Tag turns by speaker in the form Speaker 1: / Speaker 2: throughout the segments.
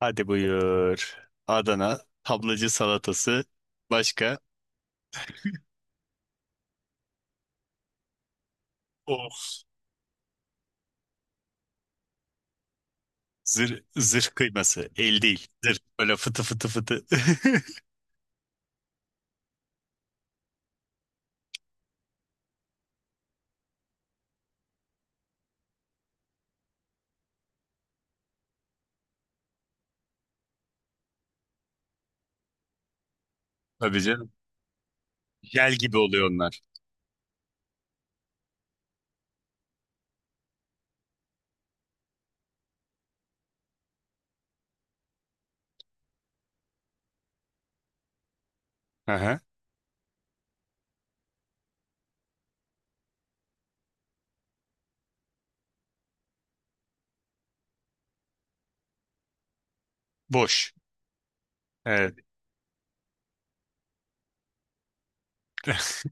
Speaker 1: Hadi buyur. Adana tablacı salatası başka. Oh, zırh, zırh kıyması el değil zırh, böyle fıtı fıtı fıtı. Tabii canım, jel gibi oluyor onlar. Aha. Boş. Evet.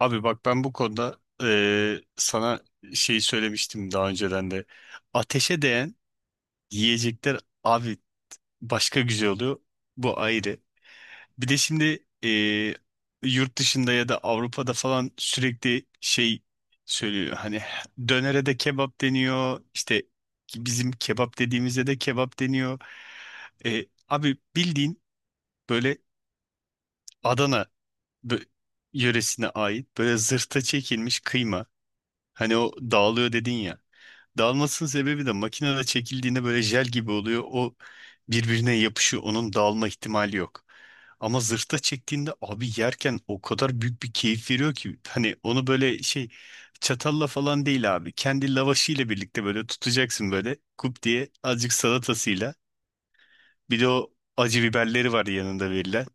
Speaker 1: Abi bak, ben bu konuda sana şeyi söylemiştim daha önceden de, ateşe değen yiyecekler abi başka güzel oluyor, bu ayrı. Bir de şimdi yurt dışında ya da Avrupa'da falan sürekli şey söylüyor. Hani dönere de kebap deniyor, İşte bizim kebap dediğimizde de kebap deniyor. Abi bildiğin böyle Adana bö- yöresine ait böyle zırhta çekilmiş kıyma. Hani o dağılıyor dedin ya. Dağılmasının sebebi de makinede çekildiğinde böyle jel gibi oluyor, o birbirine yapışıyor. Onun dağılma ihtimali yok. Ama zırhta çektiğinde abi, yerken o kadar büyük bir keyif veriyor ki. Hani onu böyle şey, çatalla falan değil abi. Kendi lavaşıyla birlikte böyle tutacaksın, böyle kup diye azıcık salatasıyla. Bir de o acı biberleri var yanında verilen.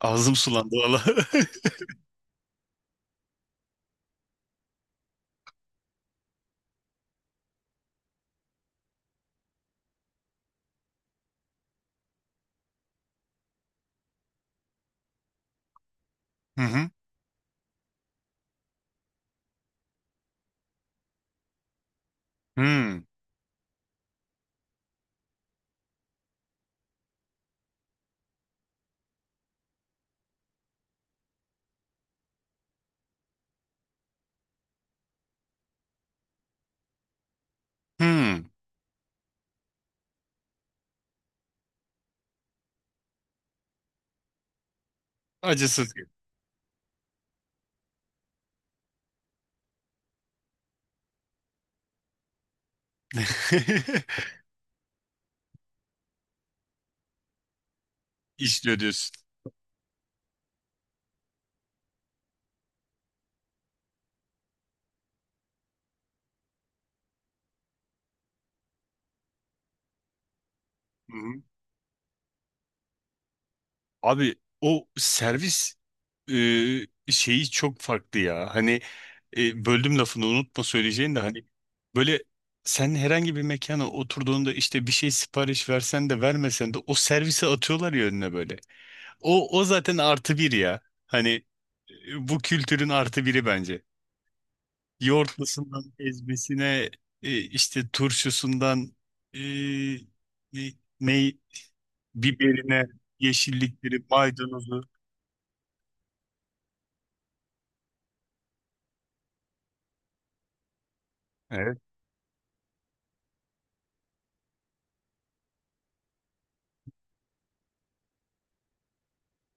Speaker 1: Ağzım sulandı valla. Hı hı. Hmm. Hmm. Acısız. İşliyor diyorsun. Abi o servis şeyi çok farklı ya. Hani böldüm lafını unutma söyleyeceğin de, hani böyle, sen herhangi bir mekana oturduğunda işte bir şey sipariş versen de vermesen de o servise atıyorlar ya önüne böyle. O, o zaten artı bir ya. Hani bu kültürün artı biri bence. Yoğurtlusundan ezmesine, işte turşusundan, e, e, ney, biberine, yeşillikleri, maydanozu.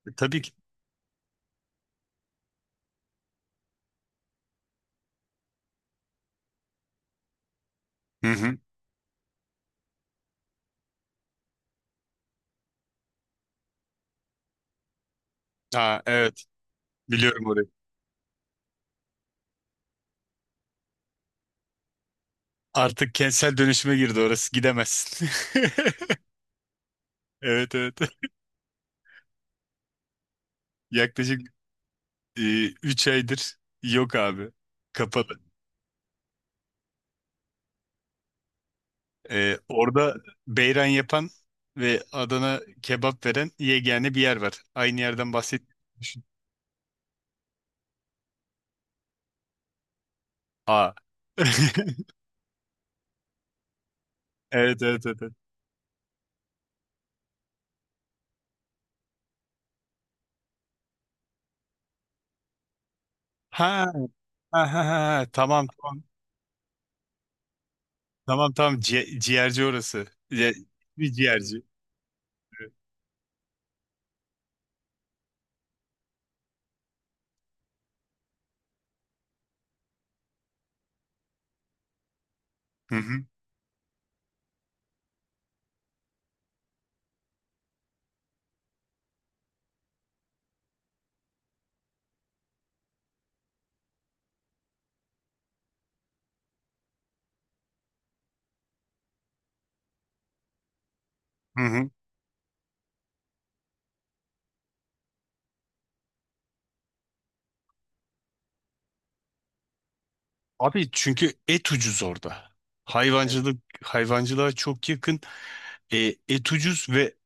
Speaker 1: Tabii ki. Hı hı. Ha, evet, biliyorum orayı. Artık kentsel dönüşüme girdi orası, gidemezsin. Evet, evet. Yaklaşık 3 aydır yok abi. Kapalı. E, orada beyran yapan ve Adana kebap veren yegane bir yer var. Aynı yerden bahset. Düşün. Aa. Evet, evet, evet, evet. Ha, ha, ha, ha. Tamam, tamam. Tamam, tamam. Ciğerci orası. Ci- Bir ciğerci. Hı hı. Hı hı. Abi çünkü et ucuz orada. Evet. Hayvancılık, hayvancılığa çok yakın. E, et ucuz ve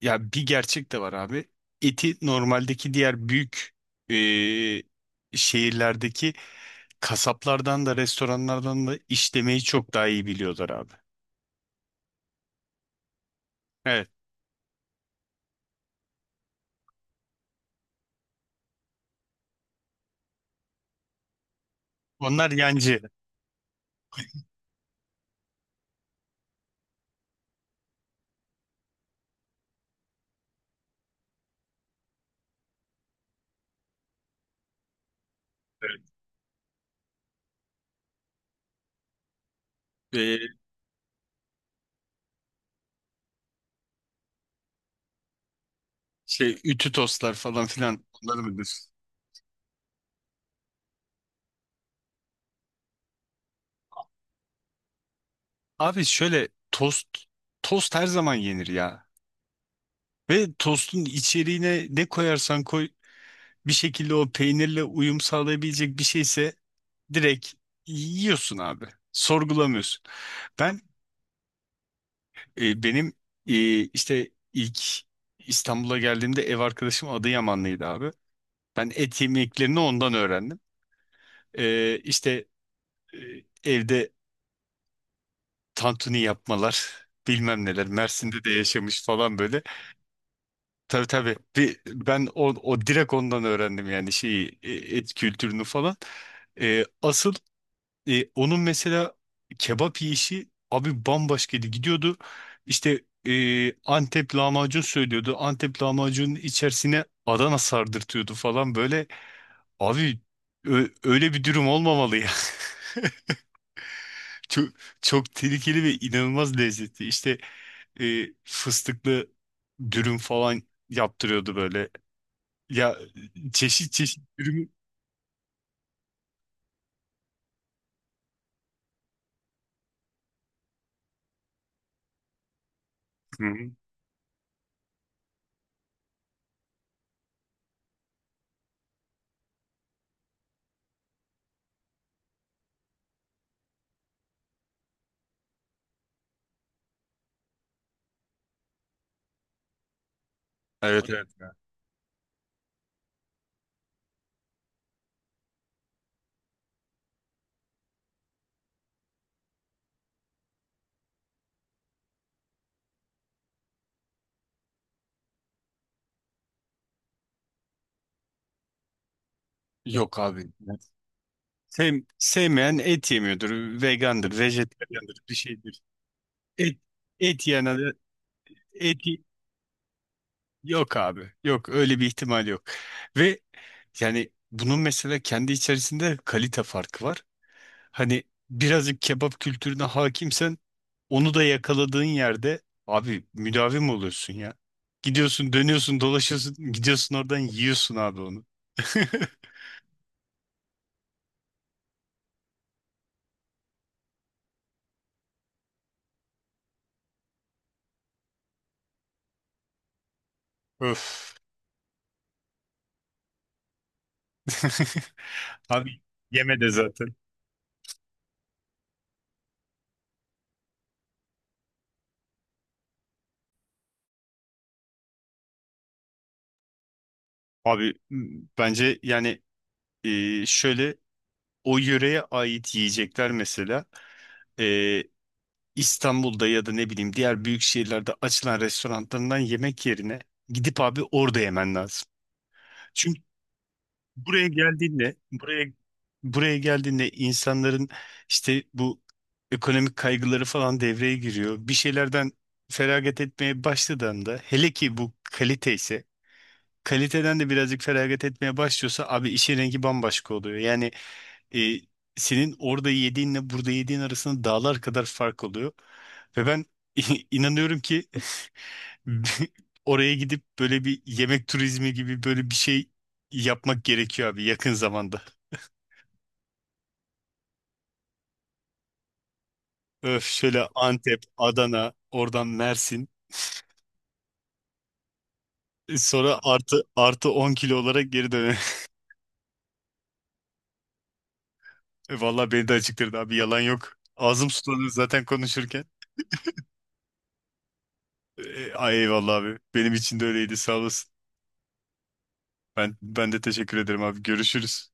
Speaker 1: ya, bir gerçek de var abi. Eti normaldeki diğer büyük e, şehirlerdeki kasaplardan da restoranlardan da işlemeyi çok daha iyi biliyorlar abi. Evet. Onlar yancı. E, şey, ütü tostlar falan filan, onları bilir. Abi şöyle, tost, tost her zaman yenir ya. Ve tostun içeriğine ne koyarsan koy, bir şekilde o peynirle uyum sağlayabilecek bir şeyse direkt yiyorsun abi. Sorgulamıyorsun. Ben, benim e, işte ilk İstanbul'a geldiğimde ev arkadaşım Adıyamanlıydı abi. Ben et yemeklerini ondan öğrendim. E, işte, e, evde tantuni yapmalar, bilmem neler, Mersin'de de yaşamış falan böyle. Tabii tabii, bir, ben o direkt ondan öğrendim yani şeyi, et kültürünü falan. E, asıl, E, onun mesela kebap yiyişi abi bambaşkaydı. Gidiyordu işte, Antep lahmacun söylüyordu. Antep lahmacunun içerisine Adana sardırtıyordu falan böyle. Abi öyle bir durum olmamalı ya. Çok, çok tehlikeli ve inanılmaz lezzetli. İşte fıstıklı dürüm falan yaptırıyordu böyle. Ya, çeşit çeşit dürüm. Hı hı. Evet, evet. Yok abi. Sevmeyen et yemiyordur. Vegandır, vejetaryandır, bir şeydir. Et, et yiyen adam- et y- yok abi. Yok, öyle bir ihtimal yok. Ve yani bunun mesela kendi içerisinde kalite farkı var. Hani birazcık kebap kültürüne hakimsen, onu da yakaladığın yerde abi müdavim oluyorsun ya. Gidiyorsun, dönüyorsun, dolaşıyorsun, gidiyorsun oradan yiyorsun abi onu. Öf. Abi yeme de zaten. Abi bence yani, şöyle, o yöreye ait yiyecekler mesela e, İstanbul'da ya da ne bileyim diğer büyük şehirlerde açılan restoranlarından yemek yerine gidip abi orada yemen lazım. Çünkü buraya geldiğinde, buraya geldiğinde insanların işte bu ekonomik kaygıları falan devreye giriyor. Bir şeylerden feragat etmeye başladığında, hele ki bu kalite ise, kaliteden de birazcık feragat etmeye başlıyorsa abi işin rengi bambaşka oluyor. Yani e, senin orada yediğinle burada yediğin arasında dağlar kadar fark oluyor. Ve ben inanıyorum ki oraya gidip böyle bir yemek turizmi gibi böyle bir şey yapmak gerekiyor abi yakın zamanda. Öf, şöyle Antep, Adana, oradan Mersin. Sonra artı artı 10 kilo olarak geri dön. Vallahi beni de acıktırdı abi, yalan yok. Ağzım sulanıyor zaten konuşurken. Ay eyvallah abi. Benim için de öyleydi, sağ olasın. Ben de teşekkür ederim abi. Görüşürüz.